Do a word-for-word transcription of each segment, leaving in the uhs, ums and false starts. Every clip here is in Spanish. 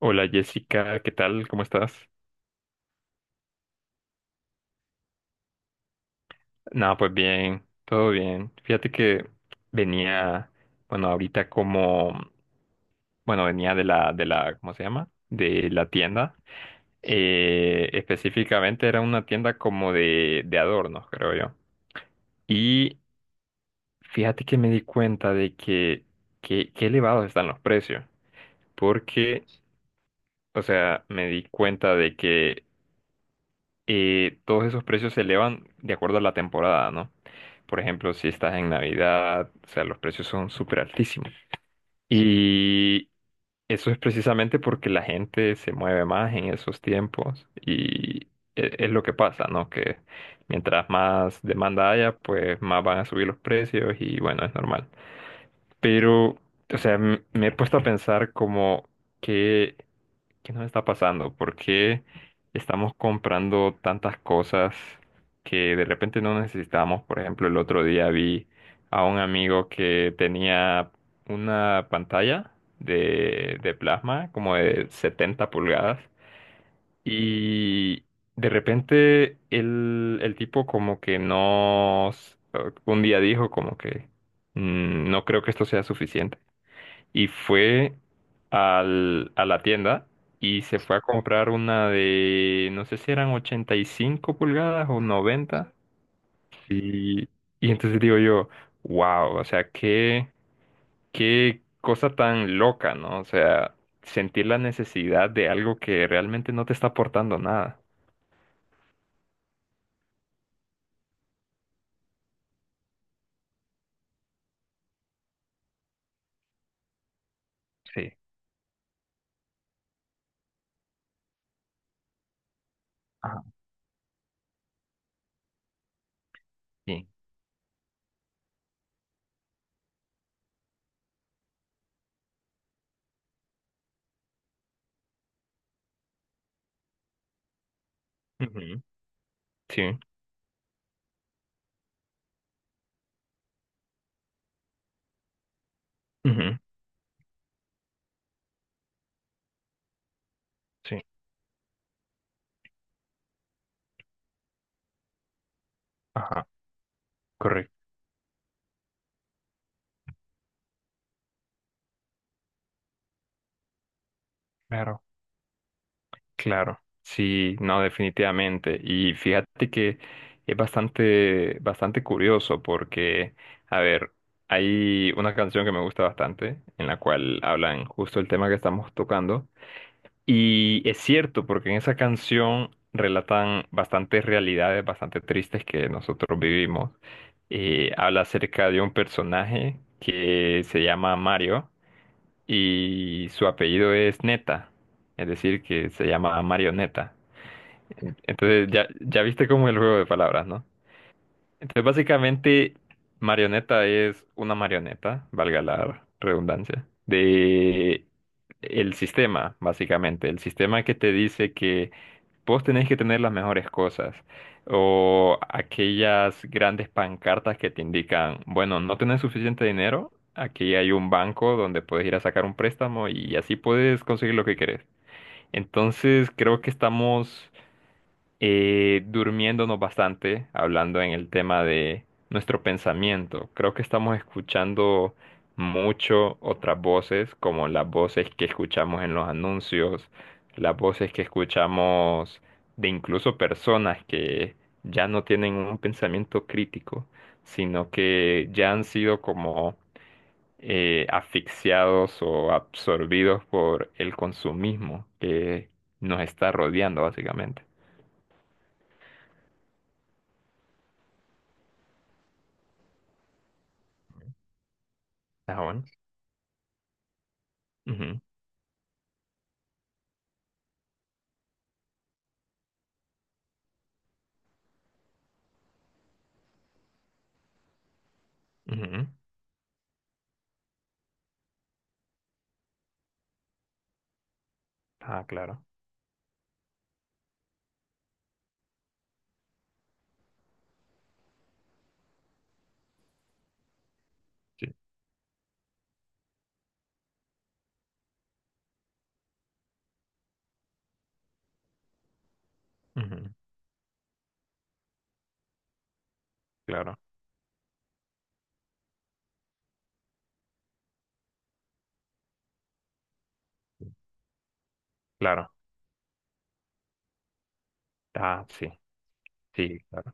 Hola Jessica, ¿qué tal? ¿Cómo estás? Nada, pues bien, todo bien. Fíjate que venía, bueno, ahorita como, bueno, venía de la, de la, ¿cómo se llama? De la tienda. Eh, específicamente era una tienda como de, de adornos, creo yo. Y fíjate que me di cuenta de que, que, que elevados están los precios. Porque, o sea, me di cuenta de que y todos esos precios se elevan de acuerdo a la temporada, ¿no? Por ejemplo, si estás en Navidad, o sea, los precios son súper altísimos. Y eso es precisamente porque la gente se mueve más en esos tiempos y e- es lo que pasa, ¿no? Que mientras más demanda haya, pues más van a subir los precios y bueno, es normal. Pero, o sea, m- me he puesto a pensar como que ¿qué nos está pasando? ¿Por qué estamos comprando tantas cosas que de repente no necesitamos? Por ejemplo, el otro día vi a un amigo que tenía una pantalla de, de plasma como de setenta pulgadas, y de repente el, el tipo como que no, un día dijo como que: "Mm, no creo que esto sea suficiente", y fue al, a la tienda y se fue a comprar una de, no sé si eran ochenta y cinco pulgadas o noventa. Y, y entonces digo yo, wow, o sea, qué, qué cosa tan loca, ¿no? O sea, sentir la necesidad de algo que realmente no te está aportando nada. Sí. Ajá. Sí. Ujú. Sí. Ujú. Sí. Ajá. Correcto. Claro, sí, no, definitivamente. Y fíjate que es bastante, bastante curioso porque, a ver, hay una canción que me gusta bastante, en la cual hablan justo el tema que estamos tocando. Y es cierto, porque en esa canción relatan bastantes realidades bastante tristes que nosotros vivimos. Eh, habla acerca de un personaje que se llama Mario y su apellido es Neta, es decir, que se llama Marioneta. Entonces ya, ya viste como el juego de palabras, ¿no? Entonces básicamente marioneta es una marioneta, valga la redundancia, de el sistema, básicamente. El sistema que te dice que vos tenés que tener las mejores cosas o aquellas grandes pancartas que te indican, bueno, no tenés suficiente dinero, aquí hay un banco donde puedes ir a sacar un préstamo y así puedes conseguir lo que querés. Entonces creo que estamos eh, durmiéndonos bastante, hablando en el tema de nuestro pensamiento. Creo que estamos escuchando mucho otras voces, como las voces que escuchamos en los anuncios, las voces que escuchamos de incluso personas que ya no tienen un pensamiento crítico, sino que ya han sido como eh, asfixiados o absorbidos por el consumismo que nos está rodeando básicamente. Ah, bueno. Ujú, ujú. Ah, claro. Sí. Ujú. Claro, claro. Ah, sí, sí, claro.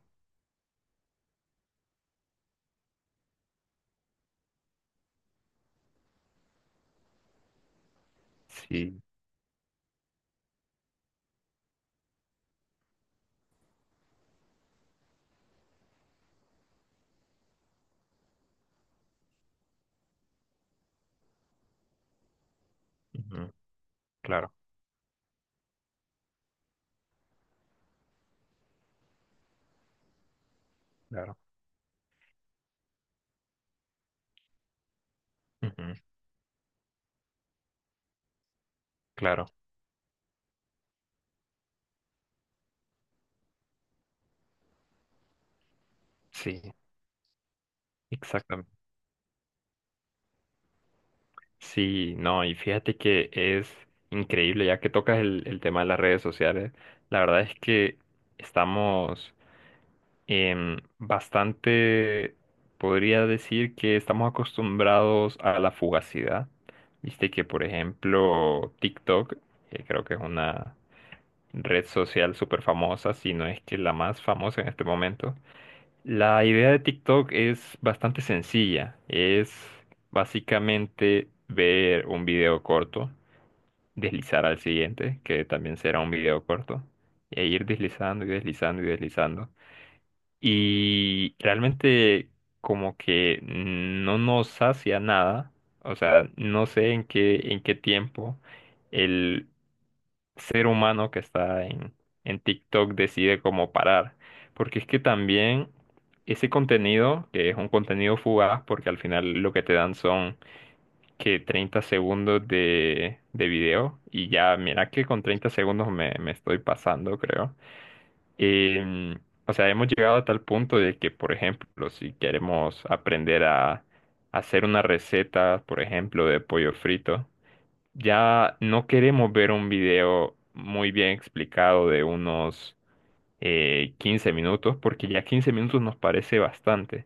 Sí, ujú. Claro, claro. Ujú. Claro, sí, exactamente. Sí, no, y fíjate que es increíble, ya que tocas el, el tema de las redes sociales, la verdad es que estamos em, bastante, podría decir que estamos acostumbrados a la fugacidad. Viste que, por ejemplo, TikTok, que creo que es una red social súper famosa, si no es que la más famosa en este momento. La idea de TikTok es bastante sencilla. Es básicamente ver un video corto, deslizar al siguiente, que también será un video corto, e ir deslizando y deslizando y deslizando. Y realmente como que no nos sacia nada. O sea, no sé en qué, en qué tiempo el ser humano que está en, en TikTok decide cómo parar. Porque es que también ese contenido, que es un contenido fugaz, porque al final lo que te dan son que treinta segundos de, de video, y ya, mira que con treinta segundos me, me estoy pasando, creo. Em, o sea, hemos llegado a tal punto de que, por ejemplo, si queremos aprender a hacer una receta, por ejemplo, de pollo frito, ya no queremos ver un video muy bien explicado de unos eh, quince minutos, porque ya quince minutos nos parece bastante.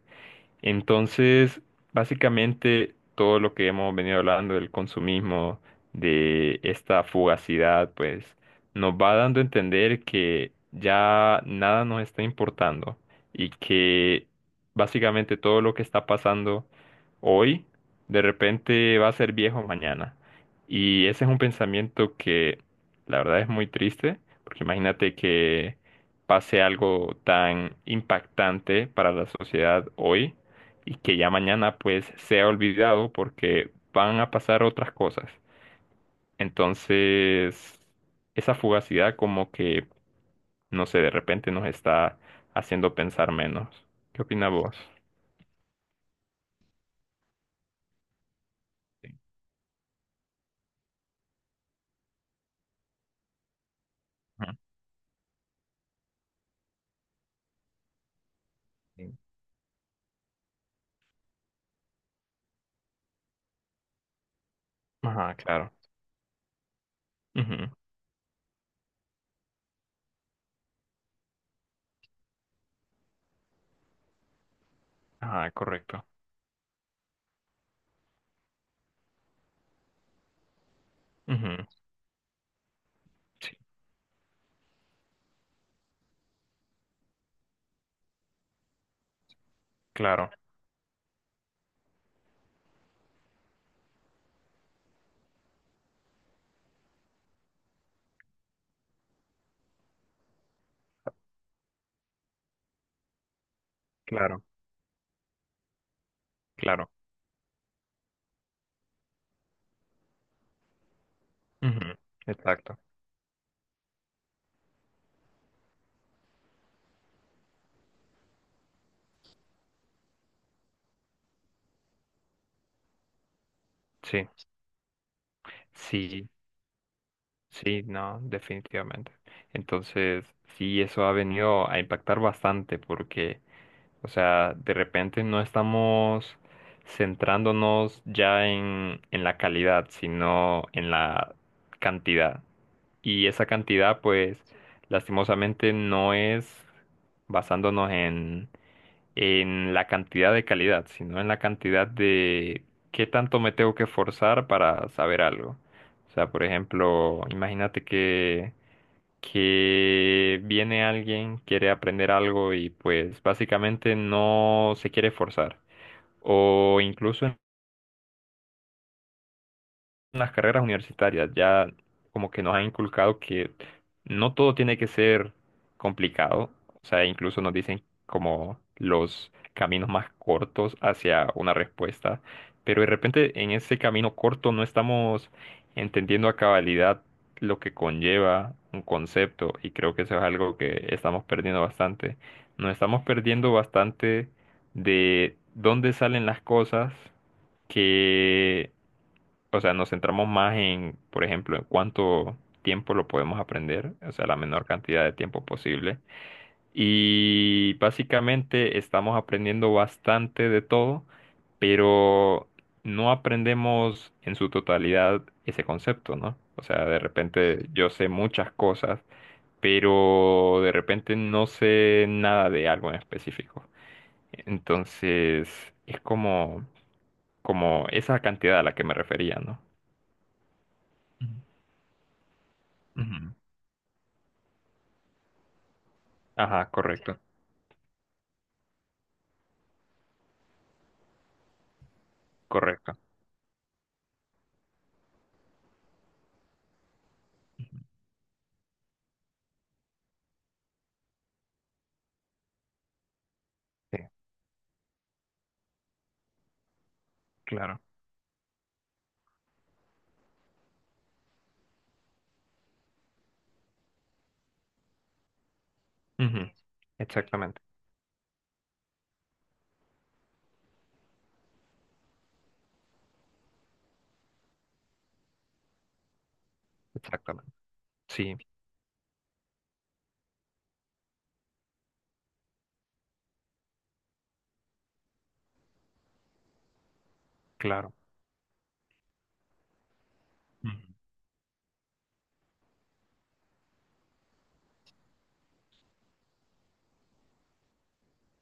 Entonces, básicamente todo lo que hemos venido hablando del consumismo, de esta fugacidad, pues nos va dando a entender que ya nada nos está importando y que básicamente todo lo que está pasando hoy de repente va a ser viejo mañana. Y ese es un pensamiento que la verdad es muy triste, porque imagínate que pase algo tan impactante para la sociedad hoy y que ya mañana pues sea olvidado porque van a pasar otras cosas. Entonces, esa fugacidad como que, no sé, de repente nos está haciendo pensar menos. ¿Qué opinas vos? Sí. Ajá. Sí. Ajá, claro. Ujú. Ajá, correcto. Ujú. Sí, claro, claro, claro. Ujú. Exacto. Sí, sí, sí, no, definitivamente. Entonces, sí, eso ha venido a impactar bastante porque, o sea, de repente no estamos centrándonos ya en, en la calidad, sino en la cantidad. Y esa cantidad, pues, lastimosamente no es basándonos en, en la cantidad de calidad, sino en la cantidad de qué tanto me tengo que forzar para saber algo. O sea, por ejemplo, imagínate que que viene alguien, quiere aprender algo y pues básicamente no se quiere forzar. O incluso las carreras universitarias ya como que nos han inculcado que no todo tiene que ser complicado, o sea, incluso nos dicen como los caminos más cortos hacia una respuesta, pero de repente en ese camino corto no estamos entendiendo a cabalidad lo que conlleva un concepto, y creo que eso es algo que estamos perdiendo bastante. Nos estamos perdiendo bastante de dónde salen las cosas que, o sea, nos centramos más en, por ejemplo, en cuánto tiempo lo podemos aprender, o sea, la menor cantidad de tiempo posible. Y básicamente estamos aprendiendo bastante de todo, pero no aprendemos en su totalidad ese concepto, ¿no? O sea, de repente yo sé muchas cosas, pero de repente no sé nada de algo en específico. Entonces, es como, como esa cantidad a la que me refería, ¿no? Ujú. Ajá. Claro, correcto, correcto. Sí, claro. Ujú. Exactamente, exactamente. Sí, claro. Ujú,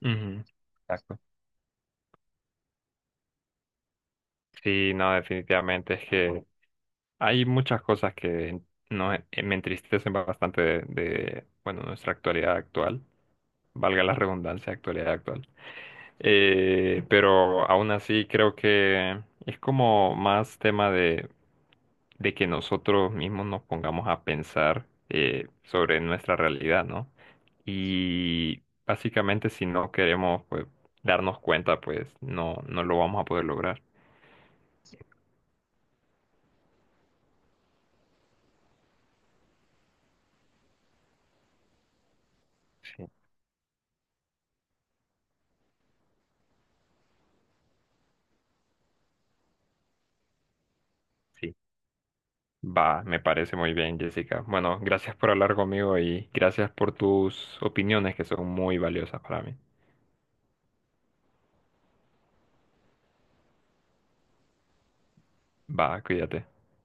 ujú. Exacto. Sí, no, definitivamente es que hay muchas cosas que no, eh, me entristecen bastante de, de, bueno, nuestra actualidad actual, valga la redundancia, actualidad actual. Eh, pero aún así creo que es como más tema de, de que nosotros mismos nos pongamos a pensar eh, sobre nuestra realidad, ¿no? Y básicamente si no queremos, pues, darnos cuenta, pues no, no lo vamos a poder lograr. Sí. Sí. Va, me parece muy bien, Jessica. Bueno, gracias por hablar conmigo y gracias por tus opiniones que son muy valiosas para mí. Va, cuídate.